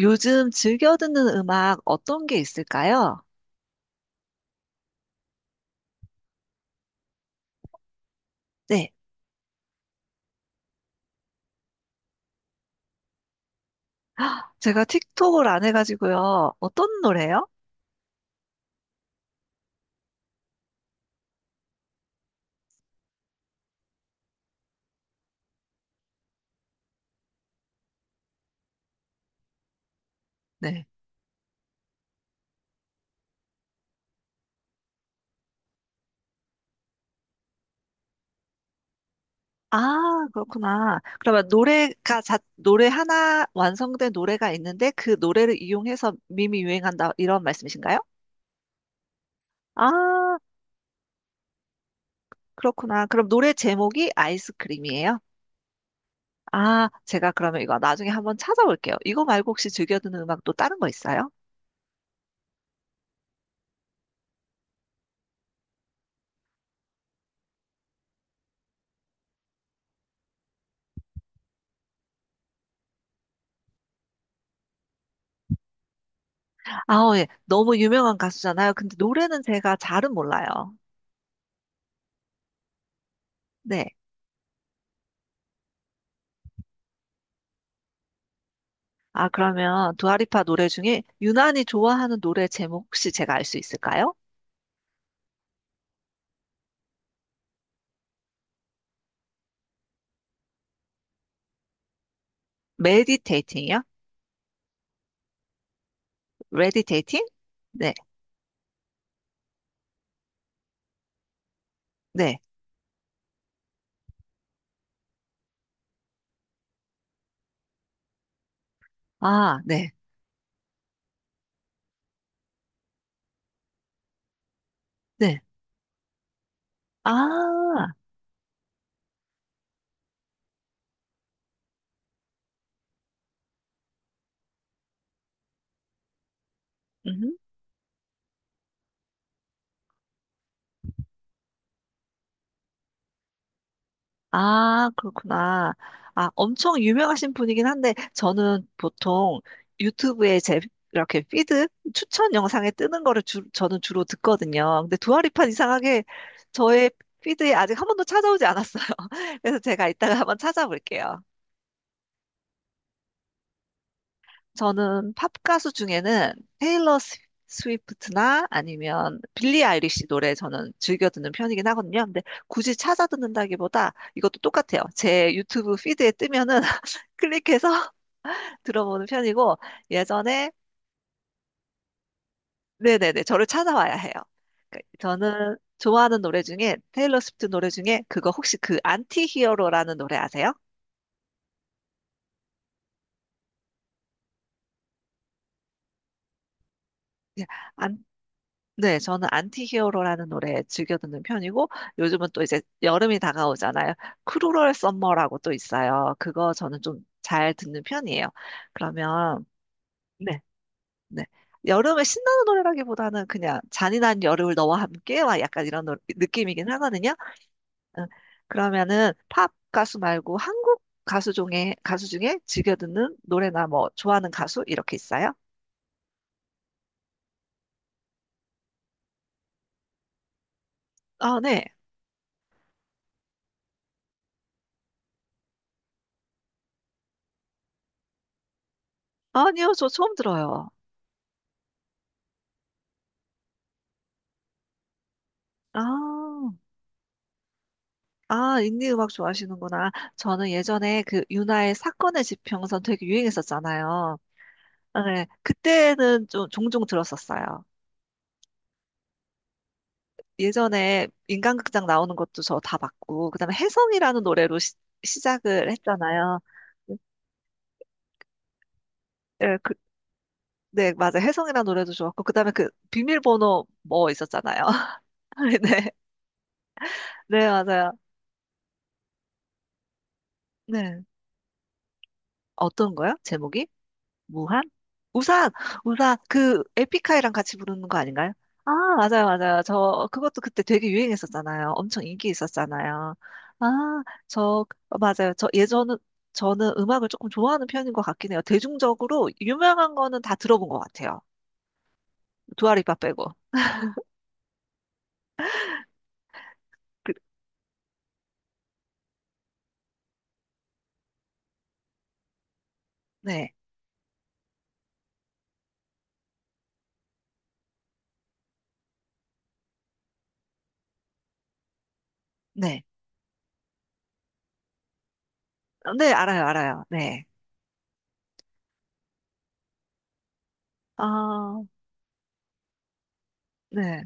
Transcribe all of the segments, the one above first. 요즘 즐겨 듣는 음악 어떤 게 있을까요? 네. 아, 제가 틱톡을 안 해가지고요. 어떤 노래요? 네. 아, 그렇구나. 그러면 노래가 자, 노래 하나 완성된 노래가 있는데 그 노래를 이용해서 밈이 유행한다 이런 말씀이신가요? 아, 그렇구나. 그럼 노래 제목이 아이스크림이에요? 아, 제가 그러면 이거 나중에 한번 찾아볼게요. 이거 말고 혹시 즐겨 듣는 음악 또 다른 거 있어요? 아, 어, 예. 너무 유명한 가수잖아요. 근데 노래는 제가 잘은 몰라요. 네. 아, 그러면 두아리파 노래 중에 유난히 좋아하는 노래 제목 혹시 제가 알 수 있을까요? 메디테이팅이요? 레디테이팅? 네, 네. 아, 네, 네. 아, 음. 아, 그렇구나. 아, 엄청 유명하신 분이긴 한데 저는 보통 유튜브에 제 이렇게 피드 추천 영상에 뜨는 거를 주, 저는 주로 듣거든요. 근데 두아리파 이상하게 저의 피드에 아직 한 번도 찾아오지 않았어요. 그래서 제가 이따가 한번 찾아볼게요. 저는 팝 가수 중에는 테일러 스- 스위프트나 아니면 빌리 아이리시 노래 저는 즐겨 듣는 편이긴 하거든요. 근데 굳이 찾아 듣는다기보다 이것도 똑같아요. 제 유튜브 피드에 뜨면은 클릭해서 들어보는 편이고 예전에 네네네 저를 찾아와야 해요. 그러니까 저는 좋아하는 노래 중에 테일러 스위프트 노래 중에 그거 혹시 그 안티 히어로라는 노래 아세요? 예, 네, 저는 안티히어로라는 노래 즐겨 듣는 편이고 요즘은 또 이제 여름이 다가오잖아요. 크루럴 썸머라고 또 있어요. 그거 저는 좀 잘 듣는 편이에요. 그러면 네, 네. 여름에 신나는 노래라기보다는 그냥 잔인한 여름을 너와 함께 막 약간 이런 노- 느낌이긴 하거든요. 응. 그러면은 팝 가수 말고 한국 가수 중에 가수 중에 즐겨 듣는 노래나 뭐 좋아하는 가수 이렇게 있어요? 아, 네. 아니요, 저 처음 들어요. 아. 아, 인디 음악 좋아하시는구나. 저는 예전에 그 윤하의 사건의 지평선 되게 유행했었잖아요. 아, 네. 그때는 좀 종종 들었었어요. 예전에 인간극장 나오는 것도 저 다 봤고, 그다음에 혜성이라는 노래로 시, 시작을 했잖아요. 네, 그, 네, 맞아요. 혜성이라는 노래도 좋았고, 그다음에 그 비밀번호 뭐 있었잖아요. 네, 네, 맞아요. 네. 어떤 거요? 제목이? 무한? 우산! 우산! 그 에픽하이랑 같이 부르는 거 아닌가요? 아, 맞아요, 맞아요. 저, 그것도 그때 되게 유행했었잖아요. 엄청 인기 있었잖아요. 아, 저, 맞아요. 저 예전은, 저는 음악을 조금 좋아하는 편인 것 같긴 해요. 대중적으로 유명한 거는 다 들어본 것 같아요. 두아리파 빼고. 그, 네, 네. 어, 네, 알아요, 알아요. 네. 아, 네.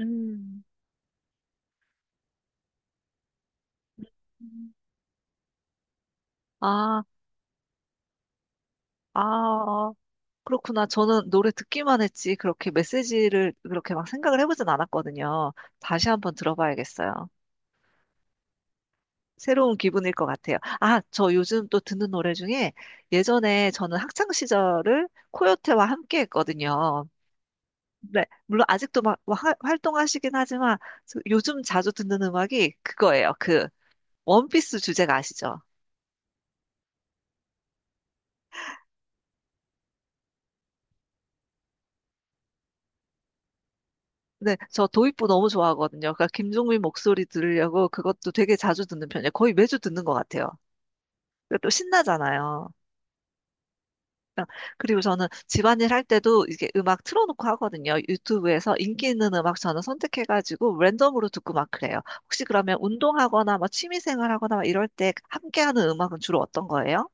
음. 아, 아, 어. 그렇구나. 저는 노래 듣기만 했지, 그렇게 메시지를 그렇게 막 생각을 해보진 않았거든요. 다시 한번 들어봐야겠어요. 새로운 기분일 것 같아요. 아, 저 요즘 또 듣는 노래 중에 예전에 저는 학창 시절을 코요태와 함께 했거든요. 네, 물론 아직도 막 화- 활동하시긴 하지만 저- 요즘 자주 듣는 음악이 그거예요. 그 원피스 주제가 아시죠? 네, 저 도입부 너무 좋아하거든요. 그러니까 김종민 목소리 들으려고 그것도 되게 자주 듣는 편이에요. 거의 매주 듣는 것 같아요. 그리고 또 신나잖아요. 그 그리고 저는 집안일 할 때도 이게 음악 틀어놓고 하거든요. 유튜브에서 인기 있는 음악 저는 선택해가지고 랜덤으로 듣고 막 그래요. 혹시 그러면 운동하거나 뭐 취미생활 하거나 막 이럴 때 함께하는 음악은 주로 어떤 거예요?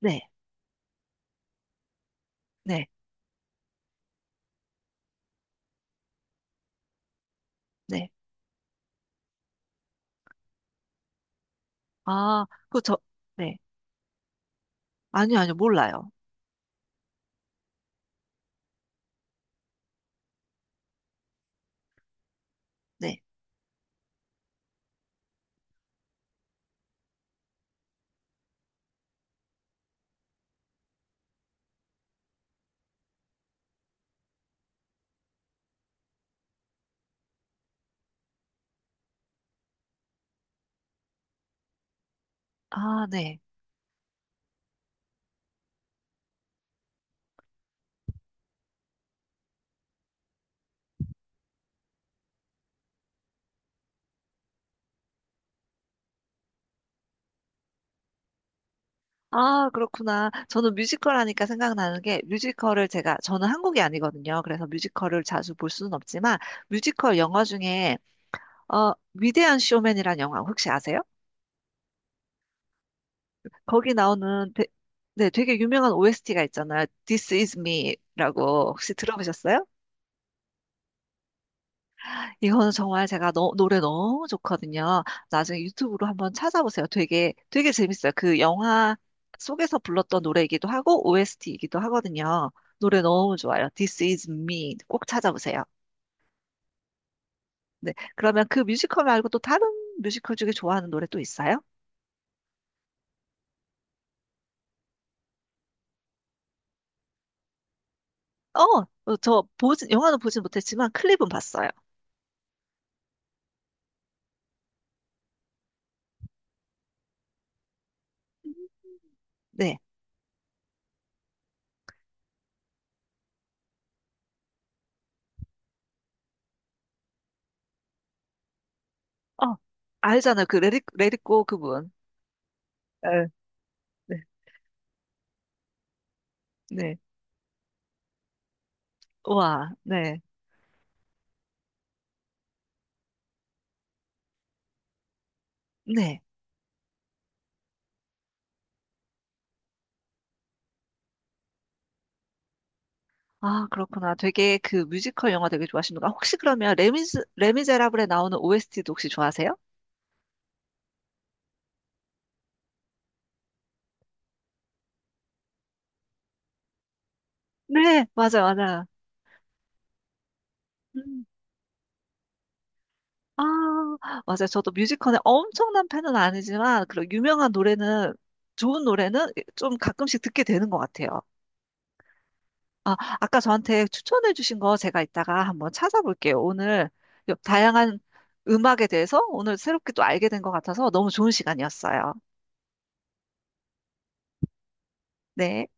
네, 네, 네. 아, 그 저, 네. 아니요, 아니요, 몰라요. 네. 아, 네. 아, 그렇구나. 저는 뮤지컬 하니까 생각나는 게 뮤지컬을 제가, 저는 한국이 아니거든요. 그래서 뮤지컬을 자주 볼 수는 없지만 뮤지컬 영화 중에 아, 위대한 쇼맨이란 영화 혹시 아세요? 거기 나오는 되, 네, 되게 유명한 OST가 있잖아요. This is me라고 혹시 들어보셨어요? 이거는 정말 제가 너- 노래 너무 좋거든요. 나중에 유튜브로 한번 찾아보세요. 되게 되게 재밌어요. 그 영화 속에서 불렀던 노래이기도 하고 OST이기도 하거든요. 노래 너무 좋아요. This is me 꼭 찾아보세요. 네, 그러면 그 뮤지컬 말고 또 다른 뮤지컬 중에 좋아하는 노래 또 있어요? 어, 어, 저 보진 영화는 보진 못했지만 클립은 봤어요. 네. 어, 알잖아요. 그 레디, 레디꼬 그분. 에, 네, 네. 와, 네. 네. 아, 그렇구나. 되게 그 뮤지컬 영화 되게 좋아하시는구나. 혹시 그러면 레미즈, 레미제라블에 나오는 OST도 혹시 좋아하세요? 네, 맞아요, 맞아요. 음, 아, 맞아요. 저도 뮤지컬에 엄청난 팬은 아니지만, 그런 유명한 노래는, 좋은 노래는 좀 가끔씩 듣게 되는 것 같아요. 아, 아까 저한테 추천해 주신 거 제가 이따가 한번 찾아볼게요. 오늘 요- 다양한 음악에 대해서 오늘 새롭게 또 알게 된 것 같아서 너무 좋은 시간이었어요. 네.